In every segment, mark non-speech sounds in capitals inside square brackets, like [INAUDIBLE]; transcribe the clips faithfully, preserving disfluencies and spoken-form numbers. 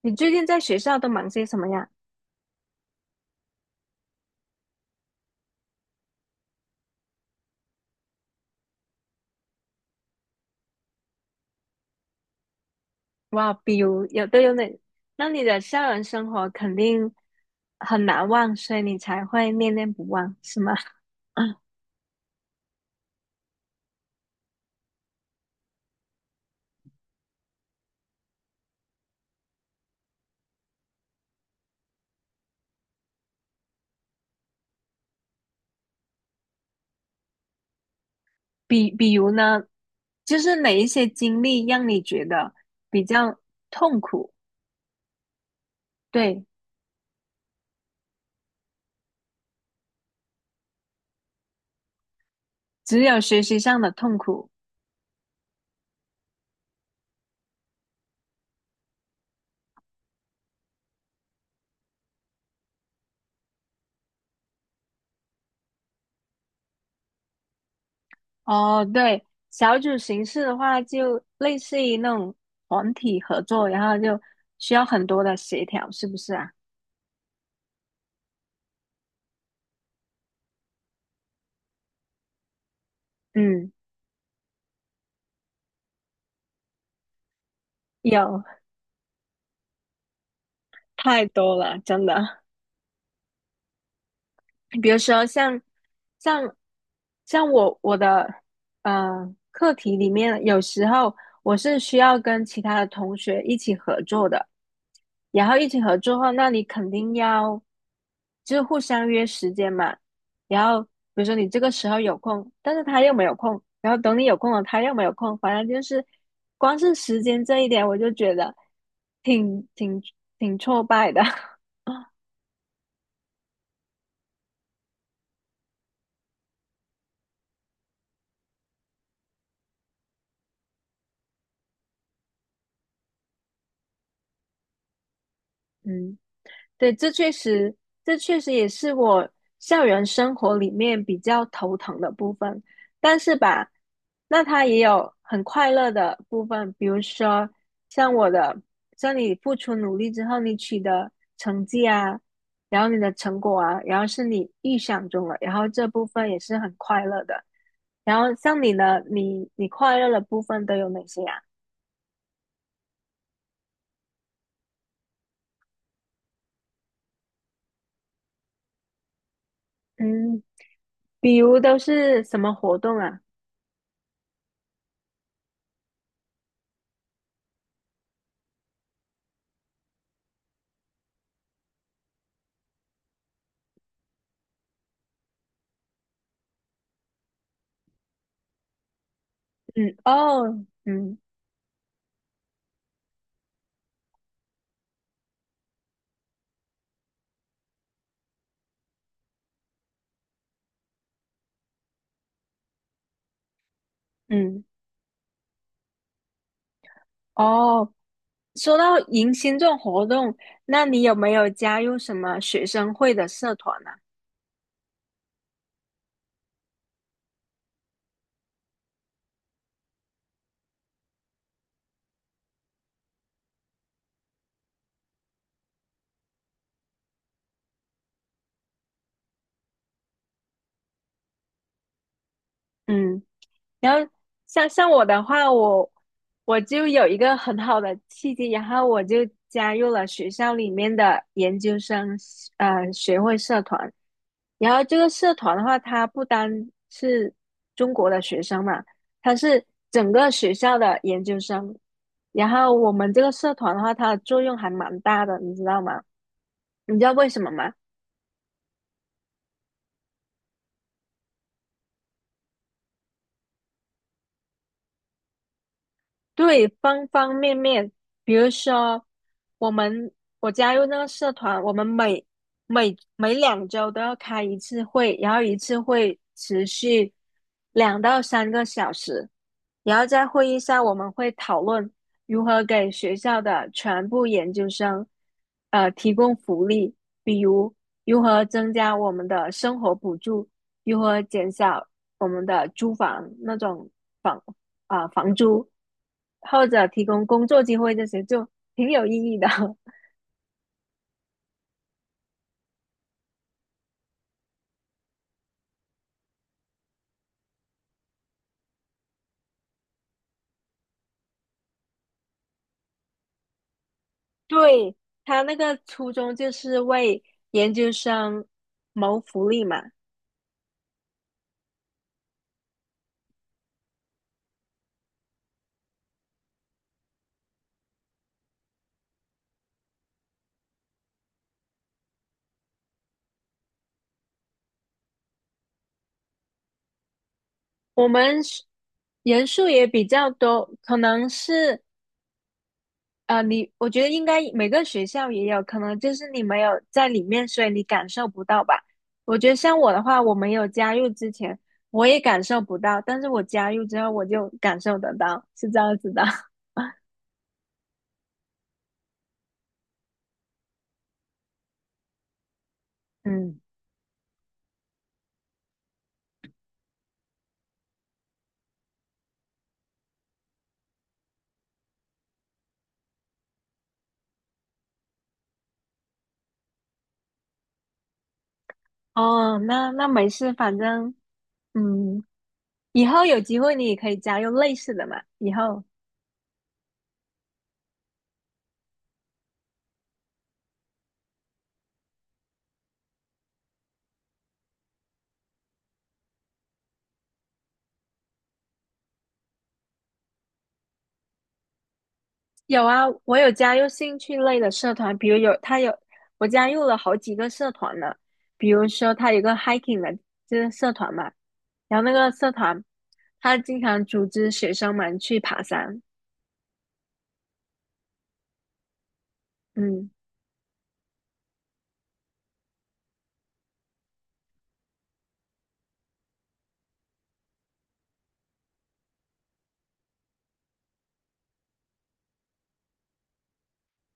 你最近在学校都忙些什么呀？哇，比如有都有哪？那你的校园生活肯定很难忘，所以你才会念念不忘，是吗？[LAUGHS] 比比如呢，就是哪一些经历让你觉得比较痛苦？对，只有学习上的痛苦。哦，对，小组形式的话，就类似于那种团体合作，然后就需要很多的协调，是不是啊？嗯，有，太多了，真的。比如说像像像我我的呃课题里面，有时候我是需要跟其他的同学一起合作的，然后一起合作后，那你肯定要就是互相约时间嘛。然后比如说你这个时候有空，但是他又没有空，然后等你有空了，他又没有空，反正就是光是时间这一点，我就觉得挺挺挺挫败的。[LAUGHS] 嗯对，这确实，这确实也是我校园生活里面比较头疼的部分。但是吧，那它也有很快乐的部分，比如说像我的，像你付出努力之后，你取得成绩啊，然后你的成果啊，然后是你预想中的，然后这部分也是很快乐的。然后像你呢，你你快乐的部分都有哪些啊？嗯，比如都是什么活动啊？嗯，哦，嗯嗯。哦，说到迎新这种活动，那你有没有加入什么学生会的社团呢、嗯。然后像像我的话，我我就有一个很好的契机，然后我就加入了学校里面的研究生呃学会社团。然后这个社团的话，它不单是中国的学生嘛，它是整个学校的研究生。然后我们这个社团的话，它的作用还蛮大的，你知道吗？你知道为什么吗？对，方方面面，比如说我们我加入那个社团，我们每每每两周都要开一次会，然后一次会持续两到三个小时，然后在会议上我们会讨论如何给学校的全部研究生呃提供福利，比如如何增加我们的生活补助，如何减少我们的租房那种。房。啊、呃房租，或者提供工作机会这些，就挺有意义的。[LAUGHS] 对，他那个初衷就是为研究生谋福利嘛。我们是人数也比较多，可能是呃，你我觉得应该每个学校也有，可能就是你没有在里面，所以你感受不到吧。我觉得像我的话，我没有加入之前，我也感受不到，但是我加入之后，我就感受得到，是这样子的。[LAUGHS] 嗯。哦，那那没事，反正嗯，以后有机会你也可以加入类似的嘛。以后有啊，我有加入兴趣类的社团，比如有他有我加入了好几个社团呢，比如说他有一个 hiking 的就是社团嘛，然后那个社团他经常组织学生们去爬山，嗯。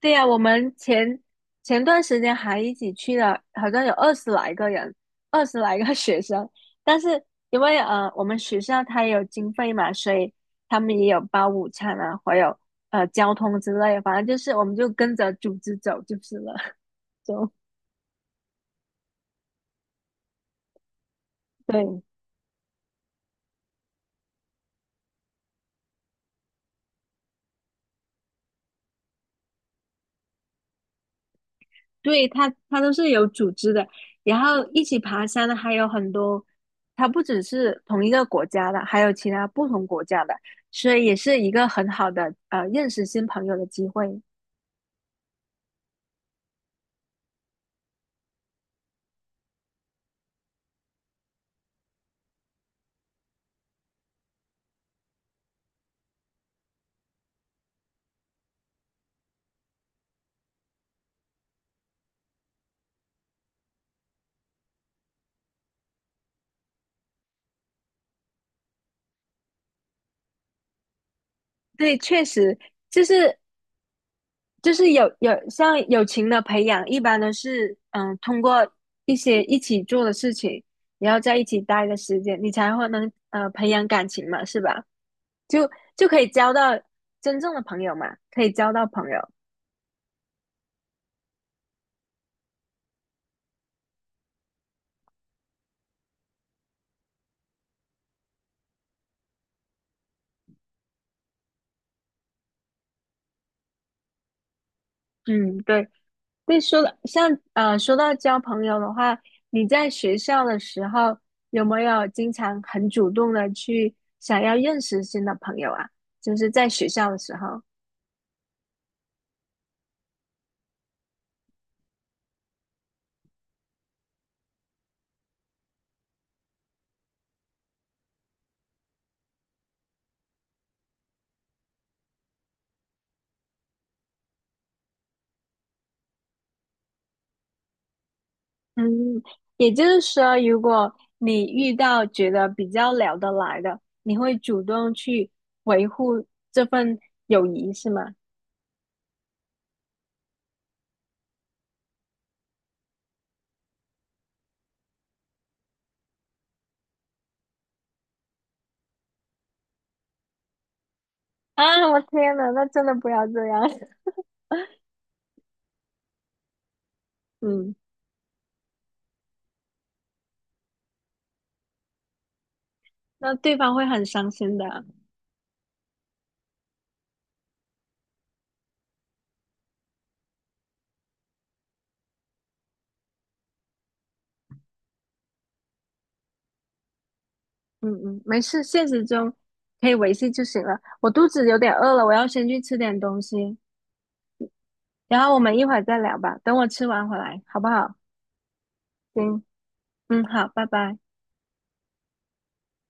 对呀，我们前前段时间还一起去了，好像有二十来个人，二十来个 [LAUGHS] 学生。但是因为呃，我们学校它也有经费嘛，所以他们也有包午餐啊，还有呃交通之类的，反正就是我们就跟着组织走就是了，[LAUGHS] 就对。对，他，他都是有组织的，然后一起爬山的还有很多，他不只是同一个国家的，还有其他不同国家的，所以也是一个很好的呃认识新朋友的机会。对，确实就是就是有有像友情的培养，一般都是嗯通过一些一起做的事情，然后在一起待的时间，你才会能呃培养感情嘛，是吧？就就可以交到真正的朋友嘛，可以交到朋友。嗯，对。对，说到像呃，说到交朋友的话，你在学校的时候有没有经常很主动的去想要认识新的朋友啊？就是在学校的时候，嗯，也就是说，如果你遇到觉得比较聊得来的，你会主动去维护这份友谊，是吗？啊，我天呐，那真的不要这样，[LAUGHS] 嗯，那对方会很伤心的。嗯嗯，没事，现实中可以维系就行了。我肚子有点饿了，我要先去吃点东西，然后我们一会儿再聊吧。等我吃完回来，好不好？行，嗯，好，拜拜。